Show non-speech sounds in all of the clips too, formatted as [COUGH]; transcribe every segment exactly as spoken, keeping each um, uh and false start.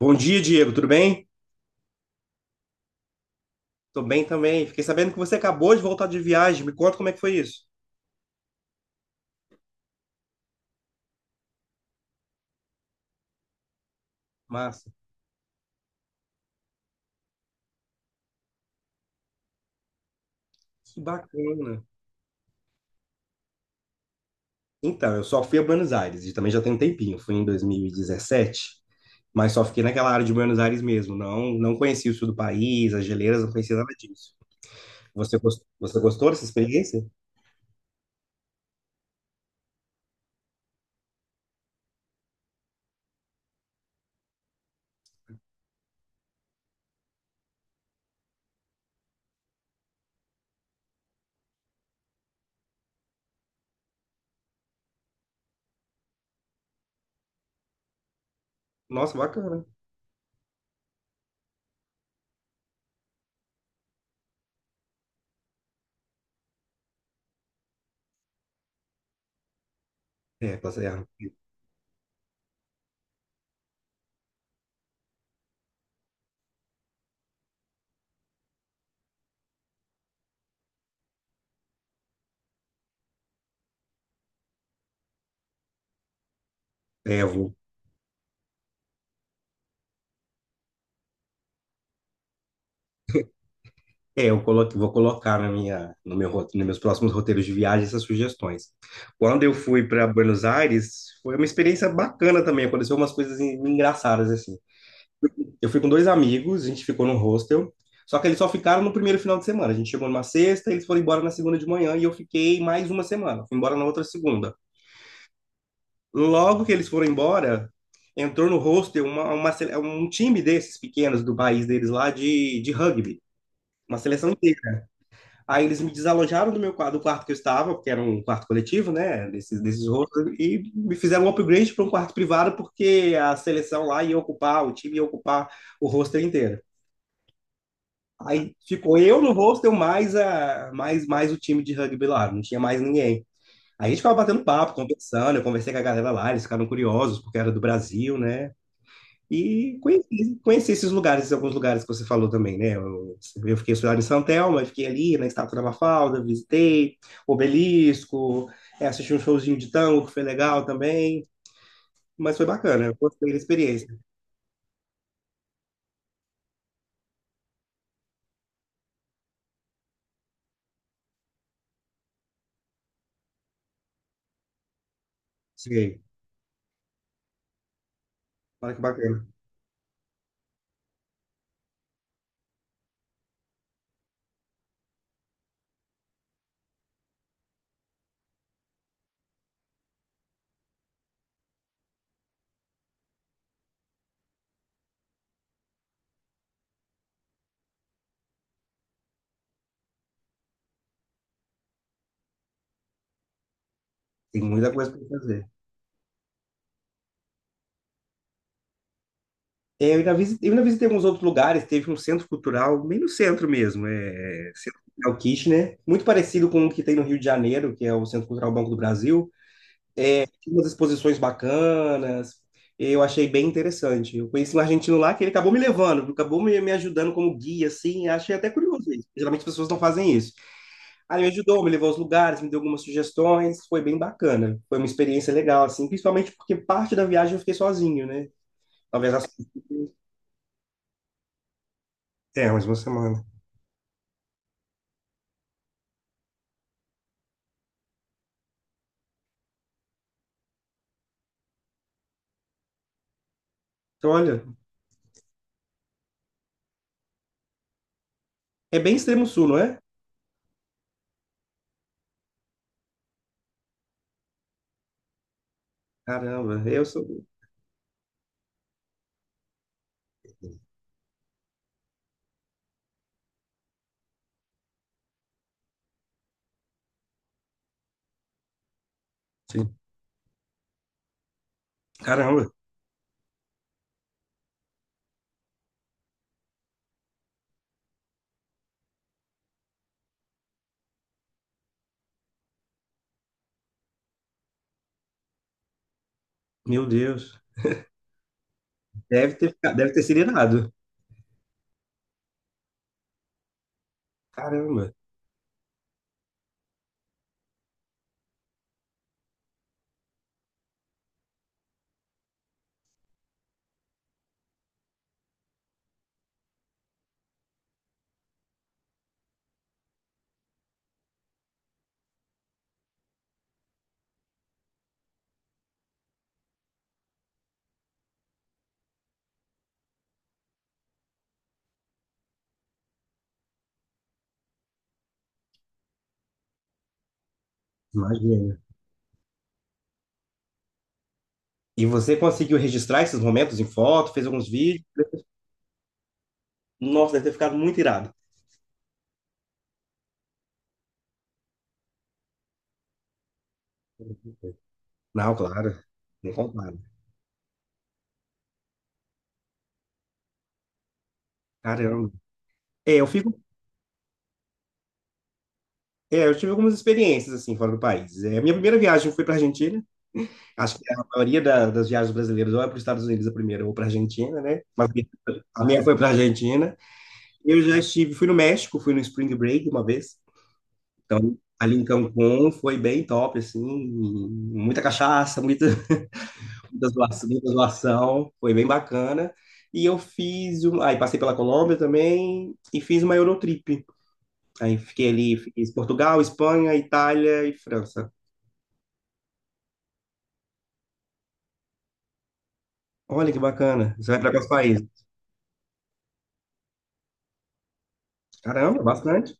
Bom dia, Diego. Tudo bem? Tô bem também. Fiquei sabendo que você acabou de voltar de viagem. Me conta como é que foi isso. Massa. Que bacana. Então, eu só fui a Buenos Aires e também já tem um tempinho. Fui em dois mil e dezessete, mas só fiquei naquela área de Buenos Aires mesmo. Não, não conheci o sul do país, as geleiras, não conhecia nada disso. Você, gos- você gostou dessa experiência? Nossa, bacana. É, tá certo. É, eu vou. É, eu colo- vou colocar na minha, no meu, rote- nos meus próximos roteiros de viagem essas sugestões. Quando eu fui para Buenos Aires, foi uma experiência bacana também. Aconteceu umas coisas en- engraçadas assim. Eu fui com dois amigos, a gente ficou num hostel, só que eles só ficaram no primeiro final de semana. A gente chegou numa sexta, eles foram embora na segunda de manhã e eu fiquei mais uma semana. Fui embora na outra segunda. Logo que eles foram embora, entrou no hostel uma, uma sele- um time desses pequenos do país deles lá de, de rugby, uma seleção inteira. Aí eles me desalojaram do meu quarto, do quarto que eu estava, porque era um quarto coletivo, né, desses, desses rostos, e me fizeram um upgrade para um quarto privado, porque a seleção lá ia ocupar, o time ia ocupar o roster inteiro. Aí ficou eu no hostel, mais, a, mais, mais o time de rugby lá, não tinha mais ninguém. Aí a gente ficava batendo papo, conversando, eu conversei com a galera lá, eles ficaram curiosos, porque era do Brasil, né? E conheci, conheci esses lugares, esses alguns lugares que você falou também, né? Eu, eu fiquei estudando em São Telmo, eu fiquei ali na Estátua da Mafalda, visitei Obelisco, é, assisti um showzinho de tango, que foi legal também, mas foi bacana, eu gostei da experiência. Sim, olha que bacana, tem muita coisa para fazer. É, eu ainda visitei, eu ainda visitei alguns outros lugares, teve um centro cultural, bem no centro mesmo, é, Centro Cultural Kitchener, muito parecido com o que tem no Rio de Janeiro, que é o Centro Cultural Banco do Brasil, tinha umas exposições bacanas. Eu achei bem interessante. Eu conheci um argentino lá que ele acabou me levando, acabou me, me ajudando como guia, assim. Achei até curioso isso. Geralmente as pessoas não fazem isso. Aí me ajudou, me levou aos lugares, me deu algumas sugestões. Foi bem bacana. Foi uma experiência legal, assim. Principalmente porque parte da viagem eu fiquei sozinho, né? Talvez as... É, mais uma semana. Então, olha, é bem extremo sul, não é? Caramba, eu sou... Sim. Caramba, meu Deus. Deve ter, fica- deve ter sido irado. Caramba, imagina. E você conseguiu registrar esses momentos em foto, fez alguns vídeos? Nossa, deve ter ficado muito irado. Não, claro. Nem compara. Caramba. É, eu fico. É, eu tive algumas experiências assim fora do país. É, a minha primeira viagem foi para Argentina. Acho que a maioria da- das viagens brasileiras ou é para os Estados Unidos a primeira ou para Argentina, né? Mas a minha foi para Argentina. Eu já estive, fui no México, fui no Spring Break uma vez. Então ali em Cancún foi bem top assim, muita cachaça, muita muita zoação, muita zoação, foi bem bacana. E eu fiz, um, aí passei pela Colômbia também e fiz uma Eurotrip. Aí fiquei ali, fiz Portugal, Espanha, Itália e França. Olha que bacana. Você vai para quais países? Caramba, bastante.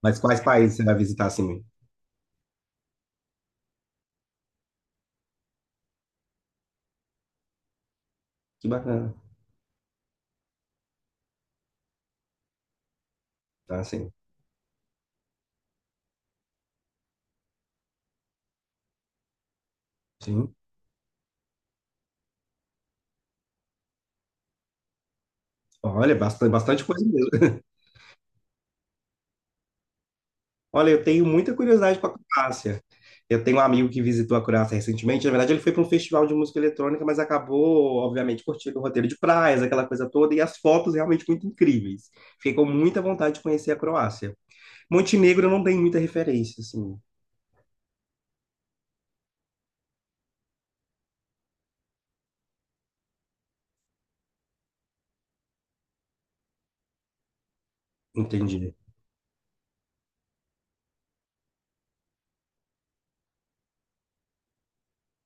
Mas quais países você vai visitar assim? Que bacana. Tá, sim. Sim. Olha, bastante, bastante coisa mesmo. Olha, eu tenho muita curiosidade com a Croácia. Eu tenho um amigo que visitou a Croácia recentemente. Na verdade, ele foi para um festival de música eletrônica, mas acabou, obviamente, curtindo o roteiro de praias, aquela coisa toda, e as fotos realmente muito incríveis. Fiquei com muita vontade de conhecer a Croácia. Montenegro não tem muita referência, assim. Entendi.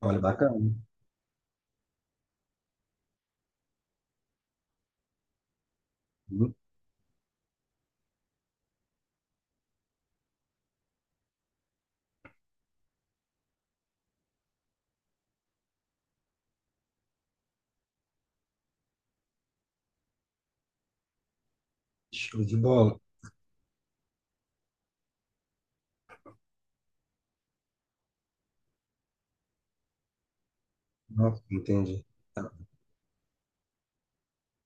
Olha, bacana. Uhum. Show de bola. Nossa, entendi. Tá.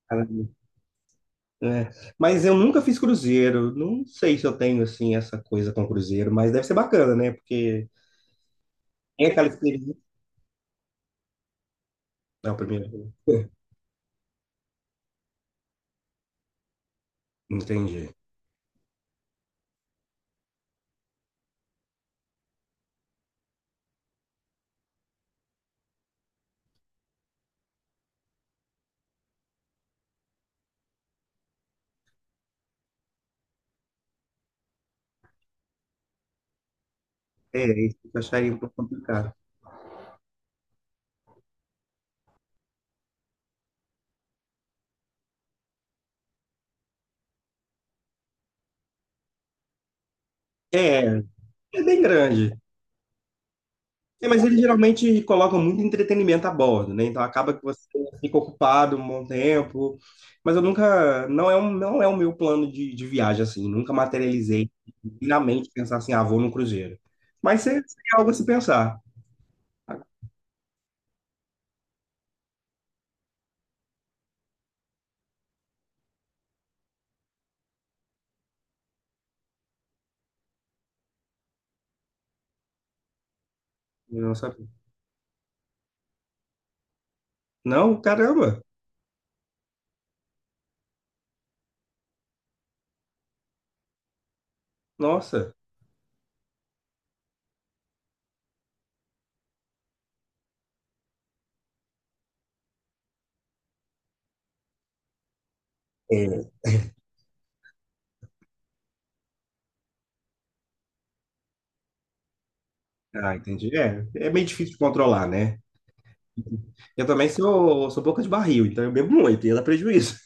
Caramba. É. Mas eu nunca fiz cruzeiro. Não sei se eu tenho, assim, essa coisa com cruzeiro, mas deve ser bacana, né? Porque tem aquela experiência. É o primeiro. [LAUGHS] Entendi. É, isso eu acharia um pouco complicado. É, é bem grande. É, mas eles geralmente colocam muito entretenimento a bordo, né? Então acaba que você fica ocupado um bom tempo. Mas eu nunca, não é um, não é o meu plano de, de viagem, assim. Nunca materializei na mente pensar assim, ah, vou num cruzeiro. Mas seria algo a se pensar. Eu não sabia. Não, caramba, nossa. É. Ah, entendi. É, é meio difícil de controlar, né? Eu também sou, sou boca de barril, então eu bebo muito, e dá prejuízo.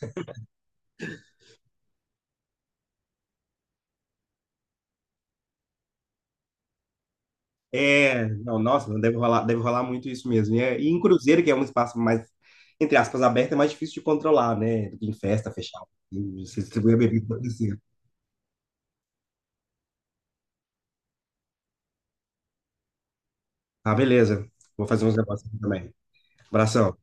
É, não, nossa, não deve rolar, deve rolar muito isso mesmo. E, é- e em cruzeiro, que é um espaço mais, entre aspas, aberto, é mais difícil de controlar, né? Do que em festa, fechar. Você distribui a bebida pra você. Ah, beleza. Vou fazer uns negócios aqui também. Abração.